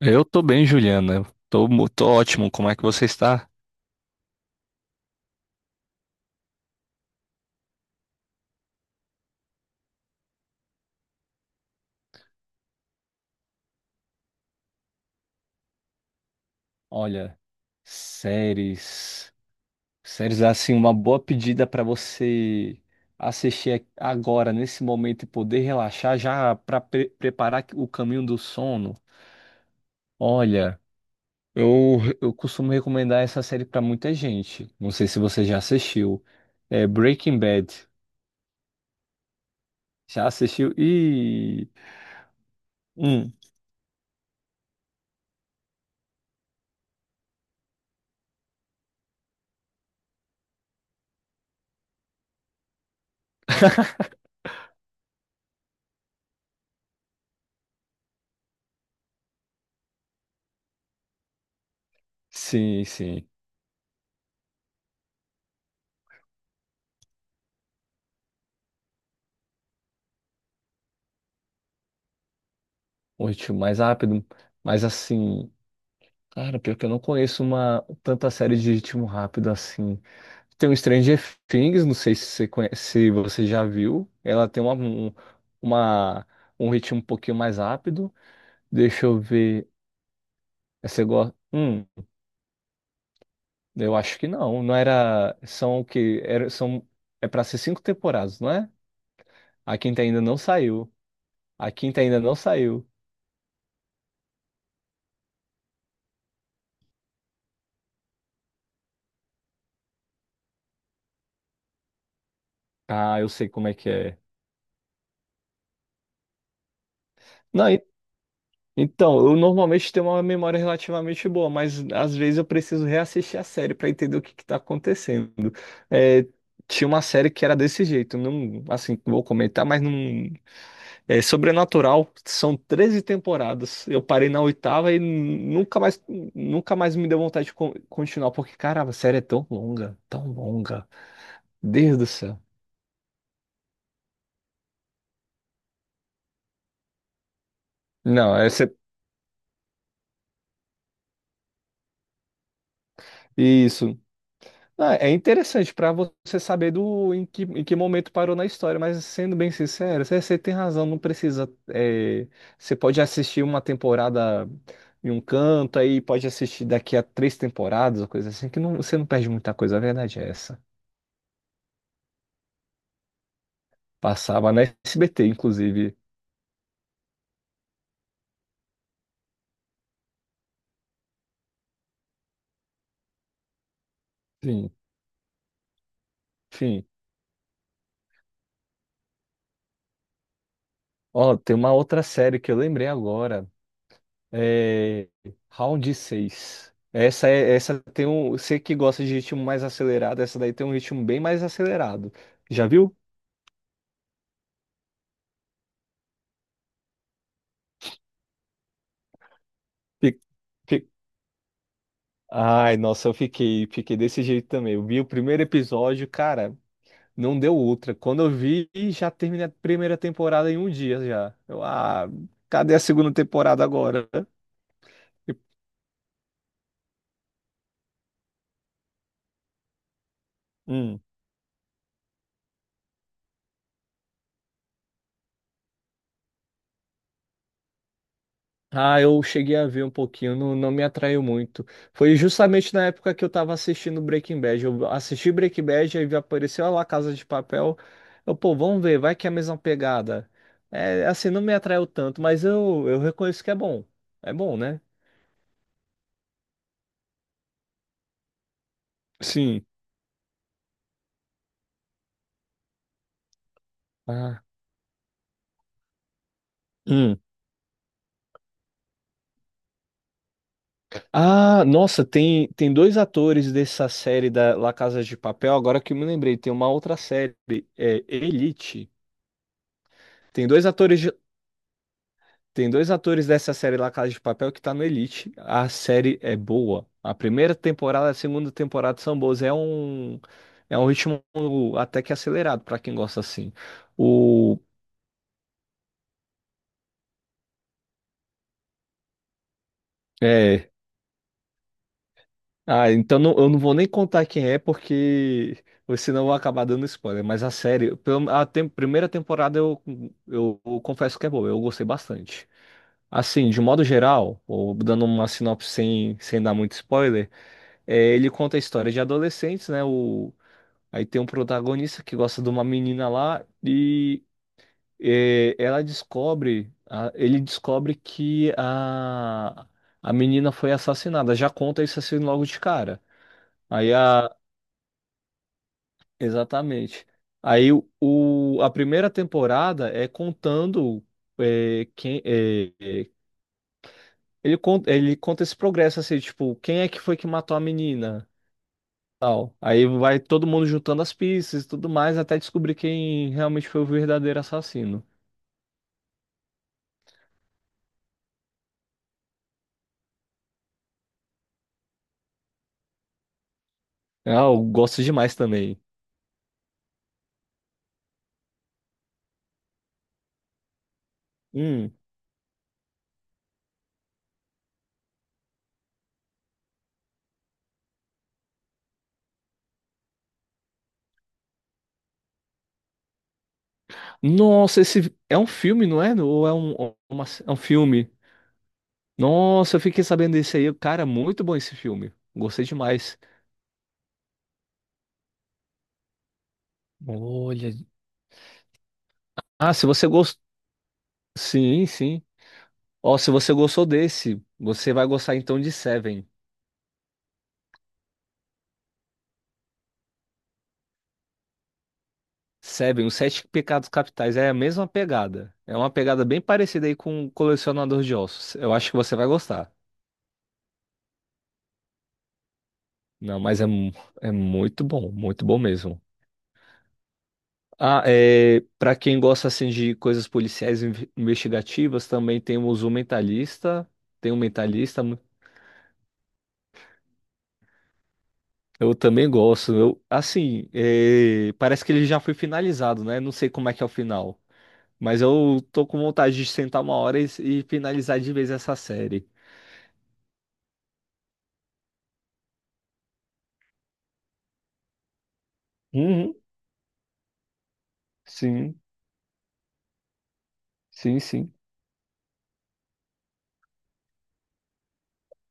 Eu tô bem, Juliana. Tô ótimo. Como é que você está? Olha, séries. Séries é assim, uma boa pedida para você assistir agora, nesse momento, e poder relaxar, já para preparar o caminho do sono. Olha, eu costumo recomendar essa série para muita gente. Não sei se você já assistiu. É Breaking Bad. Já assistiu? E. Hum. Sim, sim. Um mais rápido, mas assim. Cara, pior que eu não conheço uma tanta série de ritmo rápido assim. Tem o Stranger Things, não sei se você conhece, se você já viu. Ela tem uma- um ritmo um pouquinho mais rápido. Deixa eu ver. Você gosta? Eu acho que não. Não era. São o quê? É pra ser cinco temporadas, não é? A quinta ainda não saiu. A quinta ainda não saiu. Ah, eu sei como é que é. Não, então, eu normalmente tenho uma memória relativamente boa, mas às vezes eu preciso reassistir a série para entender o que que tá acontecendo. É, tinha uma série que era desse jeito, não, assim, vou comentar, mas não, é Sobrenatural, são 13 temporadas. Eu parei na oitava e nunca mais, nunca mais me deu vontade de continuar, porque caramba, a série é tão longa, tão longa. Deus do céu. Não, isso. Ah, é interessante para você saber do em que momento parou na história, mas sendo bem sincero, você tem razão, não precisa. Você pode assistir uma temporada em um canto, aí pode assistir daqui a três temporadas, ou coisa assim, que não, você não perde muita coisa, a verdade é essa. Passava na SBT, inclusive. Sim. Enfim. Ó, tem uma outra série que eu lembrei agora. É, Round 6. Essa tem um, você que gosta de ritmo mais acelerado, essa daí tem um ritmo bem mais acelerado. Já viu? Fi- fi- Ai, nossa, eu fiquei desse jeito também. Eu vi o primeiro episódio, cara, não deu outra. Quando eu vi, já terminei a primeira temporada em um dia já. Cadê a segunda temporada agora? Hum. Ah, eu cheguei a ver um pouquinho, não me atraiu muito. Foi justamente na época que eu tava assistindo Breaking Bad. Eu assisti Breaking Bad, aí apareceu lá Casa de Papel. Eu, pô, vamos ver, vai que é a mesma pegada. É, assim, não me atraiu tanto, mas eu reconheço que é bom. É bom, né? Sim. Ah, hum. Ah, nossa, tem dois atores dessa série da La Casa de Papel. Agora que eu me lembrei, tem uma outra série, é Elite. Tem dois atores Tem dois atores dessa série La Casa de Papel que tá no Elite. A série é boa. A primeira temporada e a segunda temporada são boas. É um ritmo até que acelerado pra quem gosta assim. O, é, então eu não vou nem contar quem é, porque senão eu vou acabar dando spoiler. Mas a série, primeira temporada eu confesso que é boa. Eu gostei bastante. Assim, de modo geral, ou dando uma sinopse sem dar muito spoiler. É, ele conta a história de adolescentes, né? Aí tem um protagonista que gosta de uma menina lá e ele descobre que a a... menina foi assassinada. Já conta isso assim logo de cara. Aí a... Exatamente. A primeira temporada é contando, é, quem... é, é, ele conta, ele conta esse progresso, assim, tipo, quem é que foi que matou a menina? Tal. Aí vai todo mundo juntando as pistas e tudo mais até descobrir quem realmente foi o verdadeiro assassino. Eu gosto demais também. Hum. Nossa, esse é um filme, não é? Ou é um filme? Nossa, eu fiquei sabendo desse aí. Cara, muito bom esse filme. Gostei demais. Olha. Ah, se você gostou. Sim, sim. Ó, se você gostou desse, você vai gostar então de Seven. Seven, os Sete Pecados Capitais é a mesma pegada. É uma pegada bem parecida aí com o Colecionador de Ossos. Eu acho que você vai gostar. Não, mas é muito bom mesmo. Ah, é, para quem gosta assim de coisas policiais e investigativas, também temos o Mentalista. Tem o Mentalista. Eu também gosto. Eu, assim, parece que ele já foi finalizado, né? Não sei como é que é o final. Mas eu tô com vontade de sentar uma hora e finalizar de vez essa série. Uhum, sim. Sim, sim,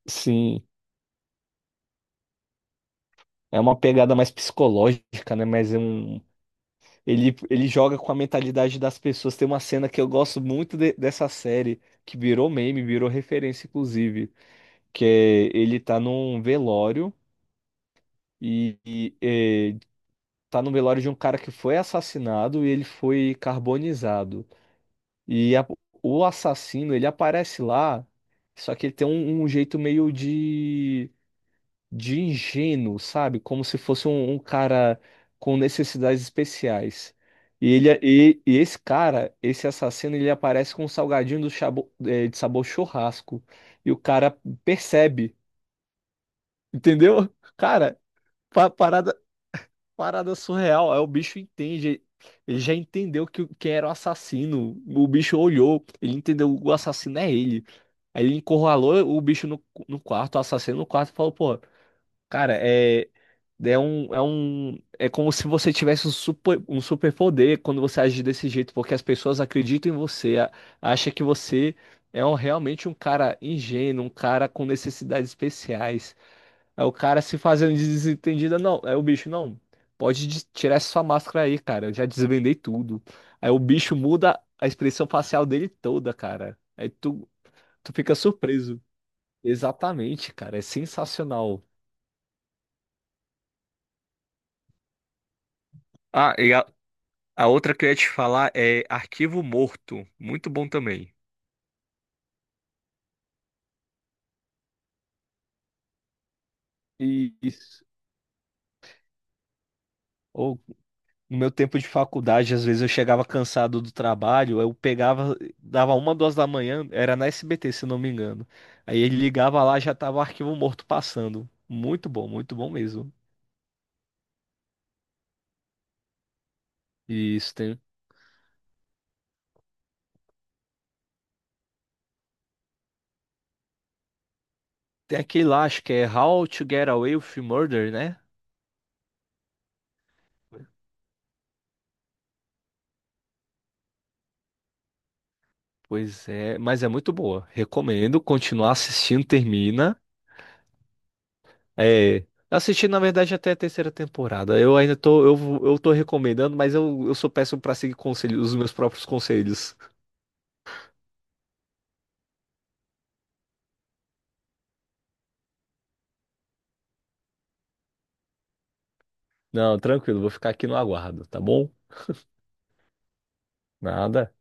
sim. É uma pegada mais psicológica, né? Mas é um. Ele joga com a mentalidade das pessoas. Tem uma cena que eu gosto muito dessa série, que virou meme, virou referência, inclusive. Que é ele tá num velório e, e é, tá no velório de um cara que foi assassinado e ele foi carbonizado. E a- o assassino, ele aparece lá, só que ele tem um jeito meio de ingênuo, sabe? Como se fosse um cara com necessidades especiais. E, ele, é, e esse cara, esse assassino, ele aparece com um salgadinho de sabor churrasco. E o cara percebe, entendeu? Cara, pa- parada, parada surreal. Aí o bicho entende. Ele já entendeu que quem era o assassino. O bicho olhou, ele entendeu, o assassino é ele. Aí ele encurralou o bicho no quarto, o assassino no quarto, e falou, pô, cara, é como se você tivesse um super poder quando você age desse jeito, porque as pessoas acreditam em você, acha que você é realmente um cara ingênuo, um cara com necessidades especiais. Aí o cara se fazendo de desentendido, não, é o bicho, não, pode tirar essa sua máscara aí, cara, eu já desvendei tudo. Aí o bicho muda a expressão facial dele toda, cara. Aí tu fica surpreso. Exatamente, cara, é sensacional. Ah, e a outra que eu ia te falar é Arquivo Morto. Muito bom também. Isso. Ou no meu tempo de faculdade, às vezes eu chegava cansado do trabalho, eu pegava, dava uma, 2 da manhã, era na SBT, se não me engano. Aí ele ligava lá, já tava o arquivo morto passando. Muito bom mesmo. Isso, tem aquele lá, acho que é How to Get Away with Murder, né? Pois é, mas é muito boa. Recomendo continuar assistindo, termina. É, assisti na verdade até a terceira temporada. Eu ainda tô, eu tô recomendando, mas eu sou péssimo pra seguir conselhos, os meus próprios conselhos. Não, tranquilo, vou ficar aqui no aguardo, tá bom? Nada.